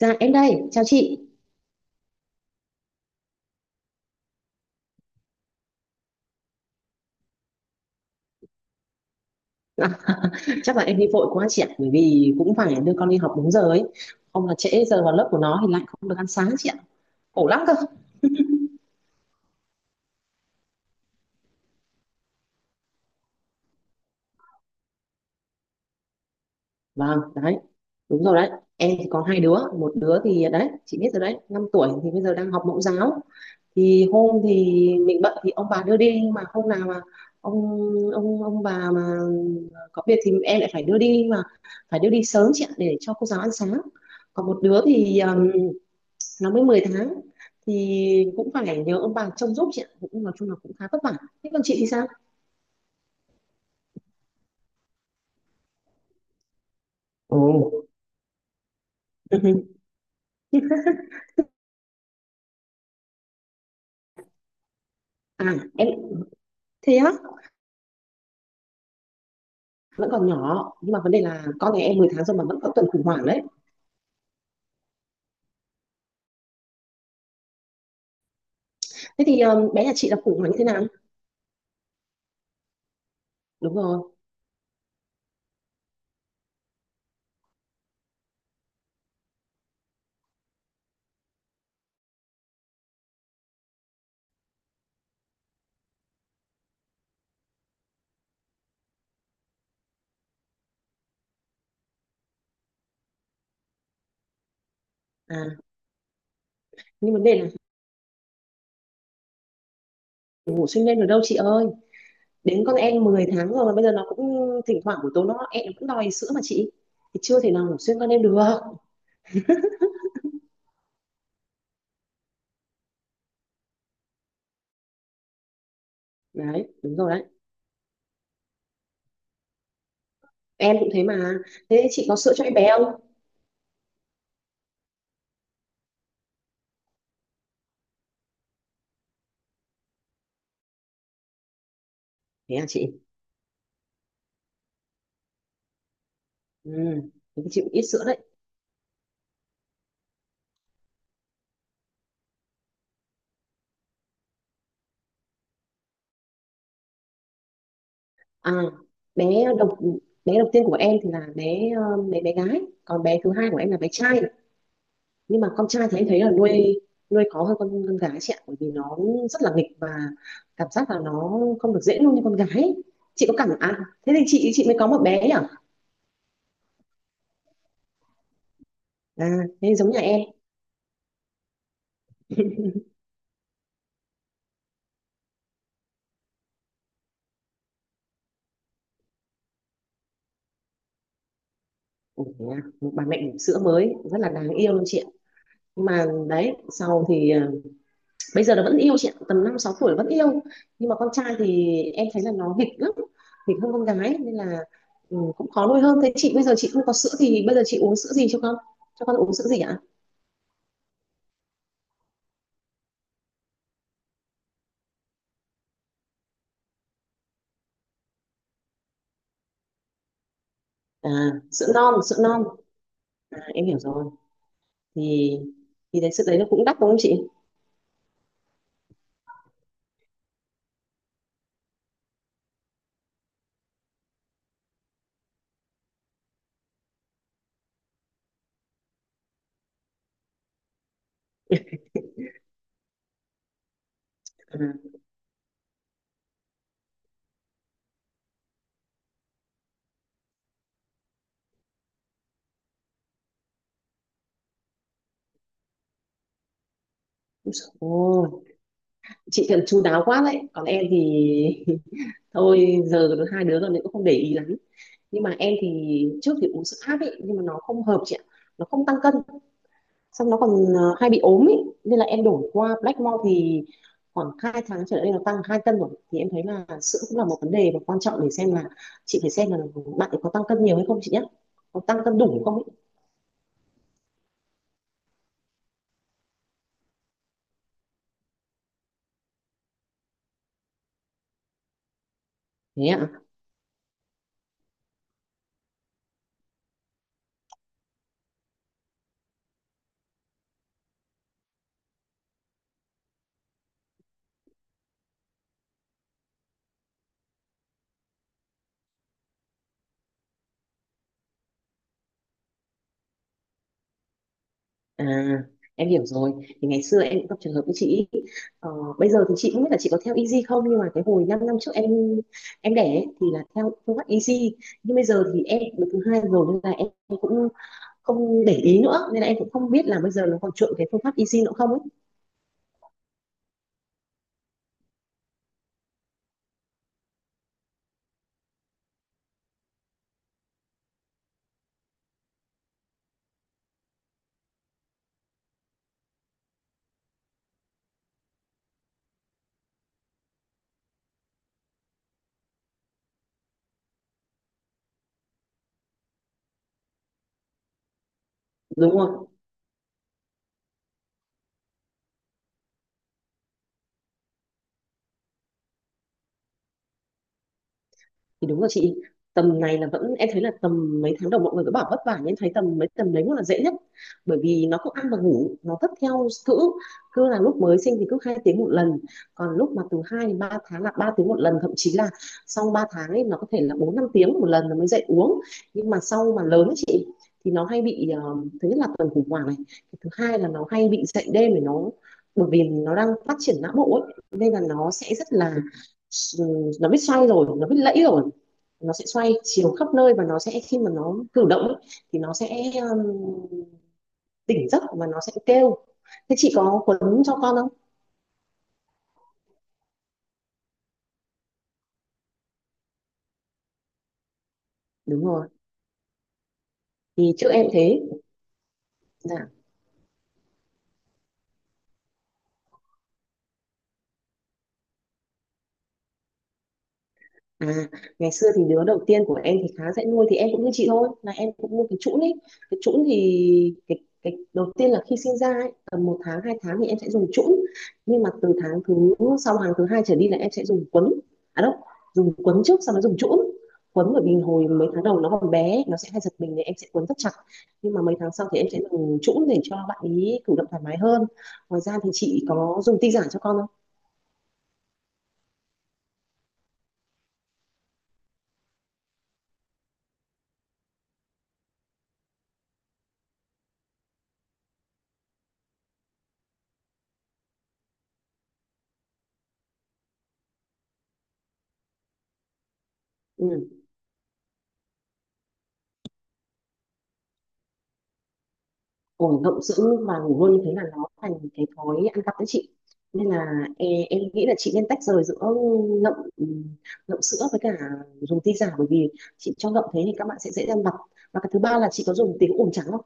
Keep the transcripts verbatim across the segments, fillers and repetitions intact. Dạ em đây, chào chị. À, chắc là em đi vội quá chị ạ, bởi vì cũng phải đưa con đi học đúng giờ ấy. Không là trễ giờ vào lớp của nó thì lại không được ăn sáng chị ạ. Khổ lắm cơ. Vâng, đấy. Đúng rồi đấy. Em thì có hai đứa, một đứa thì đấy, chị biết rồi đấy, năm tuổi thì bây giờ đang học mẫu giáo. Thì hôm thì mình bận thì ông bà đưa đi, nhưng mà hôm nào mà ông ông ông bà mà có việc thì em lại phải đưa đi, mà phải đưa đi sớm chị ạ để cho cô giáo ăn sáng. Còn một đứa thì nó mới mười tháng, thì cũng phải nhờ ông bà trông giúp chị ạ, cũng nói chung là cũng khá vất vả. Thế còn chị thì sao? Ồ, à em, thế á? Vẫn còn nhỏ nhưng mà vấn đề là con nhà em mười tháng rồi mà vẫn có tuần khủng hoảng đấy. Thế thì um, bé nhà chị là khủng hoảng như thế nào? Đúng rồi. À, nhưng vấn đề là ngủ xuyên đêm được đâu chị ơi, đến con em mười tháng rồi mà bây giờ nó cũng thỉnh thoảng buổi tối nó em nó cũng đòi sữa mà chị, thì chưa thể nào ngủ xuyên con em được. Đấy, đúng rồi đấy. Em cũng thế mà. Thế chị có sữa cho em bé không? Thế à chị. Ừ, thì chịu ít sữa đấy. À, bé đầu bé đầu tiên của em thì là bé, ờ, bé bé gái, còn bé thứ hai của em là bé trai. Nhưng mà con trai thì em thấy là nuôi nuôi khó hơn con con gái chị ạ, bởi vì nó rất là nghịch và cảm giác là nó không được dễ nuôi như con gái. ấy. Chị có cảm à, thế thì chị chị mới có một bé nhỉ? À, thế giống nhà em. Ủa, à, một bà mẹ bỉm sữa mới rất là đáng yêu luôn chị ạ. Nhưng mà đấy, sau thì ờ, bây giờ nó vẫn yêu chị ạ, tầm năm sáu tuổi vẫn yêu. Nhưng mà con trai thì em thấy là nó nghịch lắm, nghịch hơn con gái nên là ừ, cũng khó nuôi hơn. Thế chị bây giờ chị không có sữa thì bây giờ chị uống sữa gì cho con cho con uống sữa gì ạ? À, sữa non, sữa non. À, em hiểu rồi. Thì thì đấy sữa đấy nó cũng đắt đúng không chị? À, ôi dồi ôi, chị thật chu đáo quá đấy, còn em thì thôi giờ hai đứa rồi nên cũng không để ý lắm. Nhưng mà em thì trước thì uống sữa áp ấy, nhưng mà nó không hợp chị ạ, nó không tăng cân, xong nó còn ờ, hay bị ốm ý, nên là em đổi qua Blackmore thì khoảng hai tháng trở lại đây nó tăng hai cân rồi. Thì em thấy là sữa cũng là một vấn đề và quan trọng để xem là, chị phải xem là bạn ấy có tăng cân nhiều hay không chị nhé, có tăng cân đủ không ấy. Thế ạ. À em hiểu rồi, thì ngày xưa em cũng gặp trường hợp với chị ý. ờ, Bây giờ thì chị cũng biết là chị có theo Easy không, nhưng mà cái hồi 5 năm năm trước em em đẻ ấy, thì là theo phương pháp Easy. Nhưng bây giờ thì em được thứ hai rồi nên là em cũng không để ý nữa, nên là em cũng không biết là bây giờ nó còn chuộng cái phương pháp easy nữa không ấy. Đúng rồi. Thì đúng là chị, tầm này là vẫn em thấy là tầm mấy tháng đầu mọi người cứ bảo vất vả, nhưng em thấy tầm mấy tầm đấy mới là dễ nhất, bởi vì nó cứ ăn và ngủ nó thất theo cữ. Cứ là lúc mới sinh thì cứ hai tiếng một lần, còn lúc mà từ hai đến ba tháng là ba tiếng một lần, thậm chí là sau ba tháng ấy nó có thể là bốn năm tiếng một lần nó mới dậy uống. Nhưng mà sau mà lớn ấy chị, thì nó hay bị ờ, thứ nhất là tuần khủng hoảng này, thứ hai là nó hay bị dậy đêm để nó, bởi vì nó đang phát triển não bộ ấy nên là nó sẽ rất là ừ, nó biết xoay rồi nó biết lẫy rồi, nó sẽ xoay chiều khắp nơi, và nó sẽ khi mà nó cử động thì nó sẽ um, tỉnh giấc và nó sẽ kêu. Thế chị có quấn cho con không? Đúng rồi. Thì chữ em thế là, À, ngày xưa thì đứa đầu tiên của em thì khá dễ nuôi, thì em cũng như chị thôi, là em cũng mua cái chũn ấy. Cái chũn thì cái, cái đầu tiên là khi sinh ra ấy, tầm một tháng hai tháng thì em sẽ dùng chũn, nhưng mà từ tháng thứ sau hàng thứ hai trở đi là em sẽ dùng quấn. À đâu, dùng quấn trước sau đó dùng chũn quấn, bởi vì hồi mấy tháng đầu nó còn bé, nó sẽ hay giật mình thì em sẽ quấn rất chặt. Nhưng mà mấy tháng sau thì em sẽ dùng chũn để cho bạn ý cử động thoải mái hơn. Ngoài ra thì chị có dùng tinh giản cho con không? Ừ. Ổn động sữa và ngủ luôn như thế là nó thành cái thói ăn cắp đấy chị, nên là e- em nghĩ là chị nên tách rời giữa ngậm ngậm sữa với cả dùng ti giả, bởi vì chị cho ngậm thế thì các bạn sẽ dễ ăn vặt. Và cái thứ ba là chị có dùng tiếng ồn trắng không?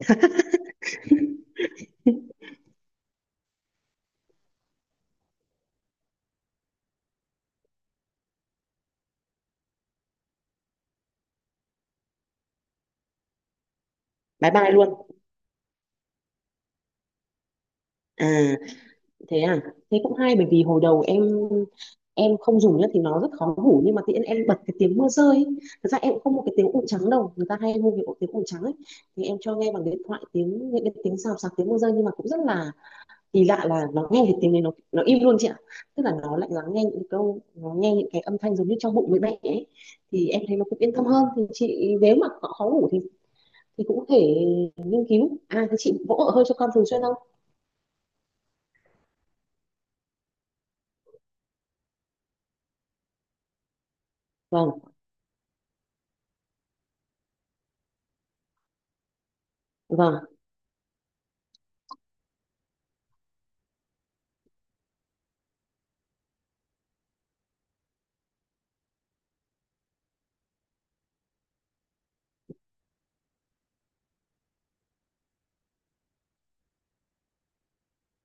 Bye bye luôn. À thế à, thế cũng hay, bởi vì hồi đầu em em không dùng nhá thì nó rất khó ngủ, nhưng mà tự nhiên em bật cái tiếng mưa rơi ấy. Thực ra em cũng không một cái tiếng ồn trắng đâu, người ta hay mua cái ổ tiếng ồn trắng ấy, thì em cho nghe bằng điện thoại tiếng, những cái tiếng xào xạc, tiếng mưa rơi, nhưng mà cũng rất là kỳ lạ là nó nghe thì tiếng đấy nó nó im luôn chị ạ. Tức là nó lại lắng nghe những câu, nó nghe những cái âm thanh giống như trong bụng người mẹ ấy, thì em thấy nó cũng yên tâm hơn. Thì chị nếu mà họ khó ngủ thì thì cũng có thể nghiên cứu. À thế chị vỗ ở hơi cho con thường xuyên không? Vâng, vâng.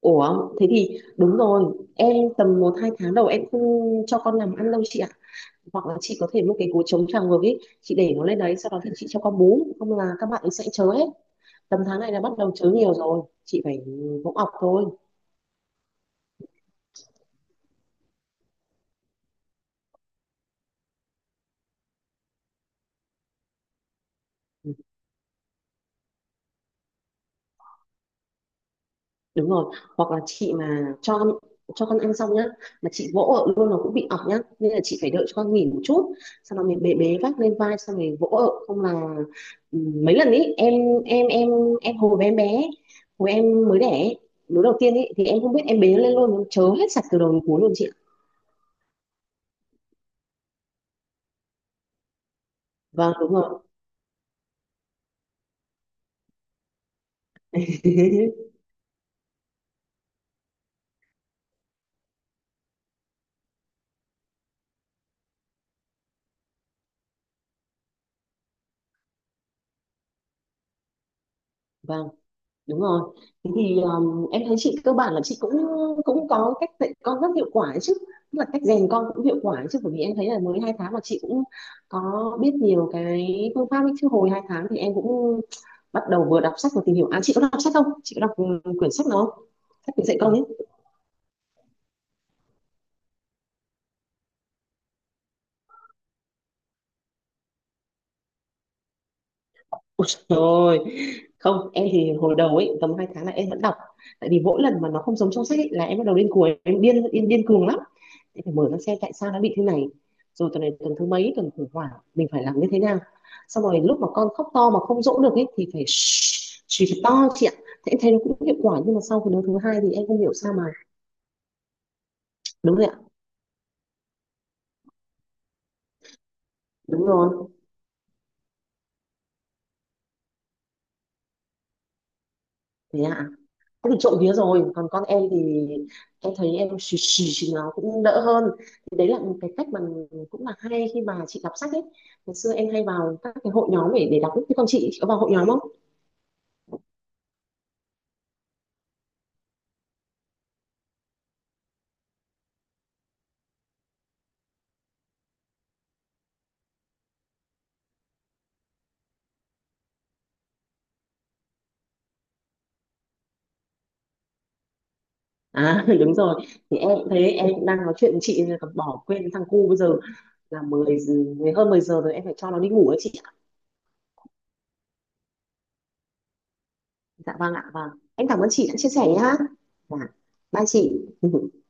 Ủa thế thì đúng rồi, em tầm một hai tháng đầu em không cho con làm ăn đâu chị ạ. Hoặc là chị có thể mua cái gối chống tràng ngược ấy, chị để nó lên đấy sau đó thì chị cho con bú, không là các bạn ấy sẽ chớ hết. Tầm tháng này là bắt đầu chớ nhiều rồi, chị phải vỗ ọc thôi. Ừ. Đúng rồi, hoặc là chị mà cho con cho con ăn xong nhá mà chị vỗ ở luôn nó cũng bị ọc nhá, nên là chị phải đợi cho con nghỉ một chút, sau đó mình bế bế vác lên vai xong rồi vỗ ở, không là ừ, mấy lần ý em em em em hồi bé em bé hồi em mới đẻ ấy, đứa đầu tiên ý thì em không biết em bế lên luôn nó chớ hết sạch từ đầu đến cuối luôn chị ạ. Vâng đúng rồi. Vâng, đúng rồi. Thế thì um, em thấy chị cơ bản là chị cũng cũng có cách dạy con rất hiệu quả ấy chứ. Tức là cách rèn con cũng hiệu quả ấy chứ, bởi vì em thấy là mới hai tháng mà chị cũng có biết nhiều cái phương pháp ấy chứ. Hồi hai tháng thì em cũng bắt đầu vừa đọc sách vừa tìm hiểu. À chị có đọc sách không? Chị có đọc ừ, quyển sách nào không? Sách để dạy con ấy. Ôi trời, không em thì hồi đầu ấy tầm hai tháng là em vẫn đọc. Tại vì mỗi lần mà nó không giống trong sách ấy, là em bắt đầu điên cuồng, em điên điên điên cuồng lắm, em phải mở ra xem tại sao nó bị thế này, rồi tuần này tuần thứ mấy, tuần khủng hoảng mình phải làm như thế nào. Xong rồi lúc mà con khóc to mà không dỗ được ấy thì phải chỉ thật to chị ạ, thế em thấy nó cũng hiệu quả. Nhưng mà sau cái đứa thứ hai thì em không hiểu sao mà, đúng rồi ạ. Đúng rồi. Thế ạ, cũng trộm vía rồi. Còn con em thì em thấy em xì xì thì nó cũng đỡ hơn, thì đấy là một cái cách mà cũng là hay khi mà chị đọc sách ấy. Ngày xưa em hay vào các cái hội nhóm để để đọc ấy. Thế con chị, chị có vào hội nhóm không? À, đúng rồi, thì em cũng thế, em cũng đang nói chuyện với chị còn bỏ quên thằng cu. Bây giờ là mười giờ- mười- hơn mười giờ rồi, em phải cho nó đi ngủ ấy chị ạ. Dạ vâng ạ, vâng, em cảm ơn chị đã chia sẻ nhá. Dạ, bye chị.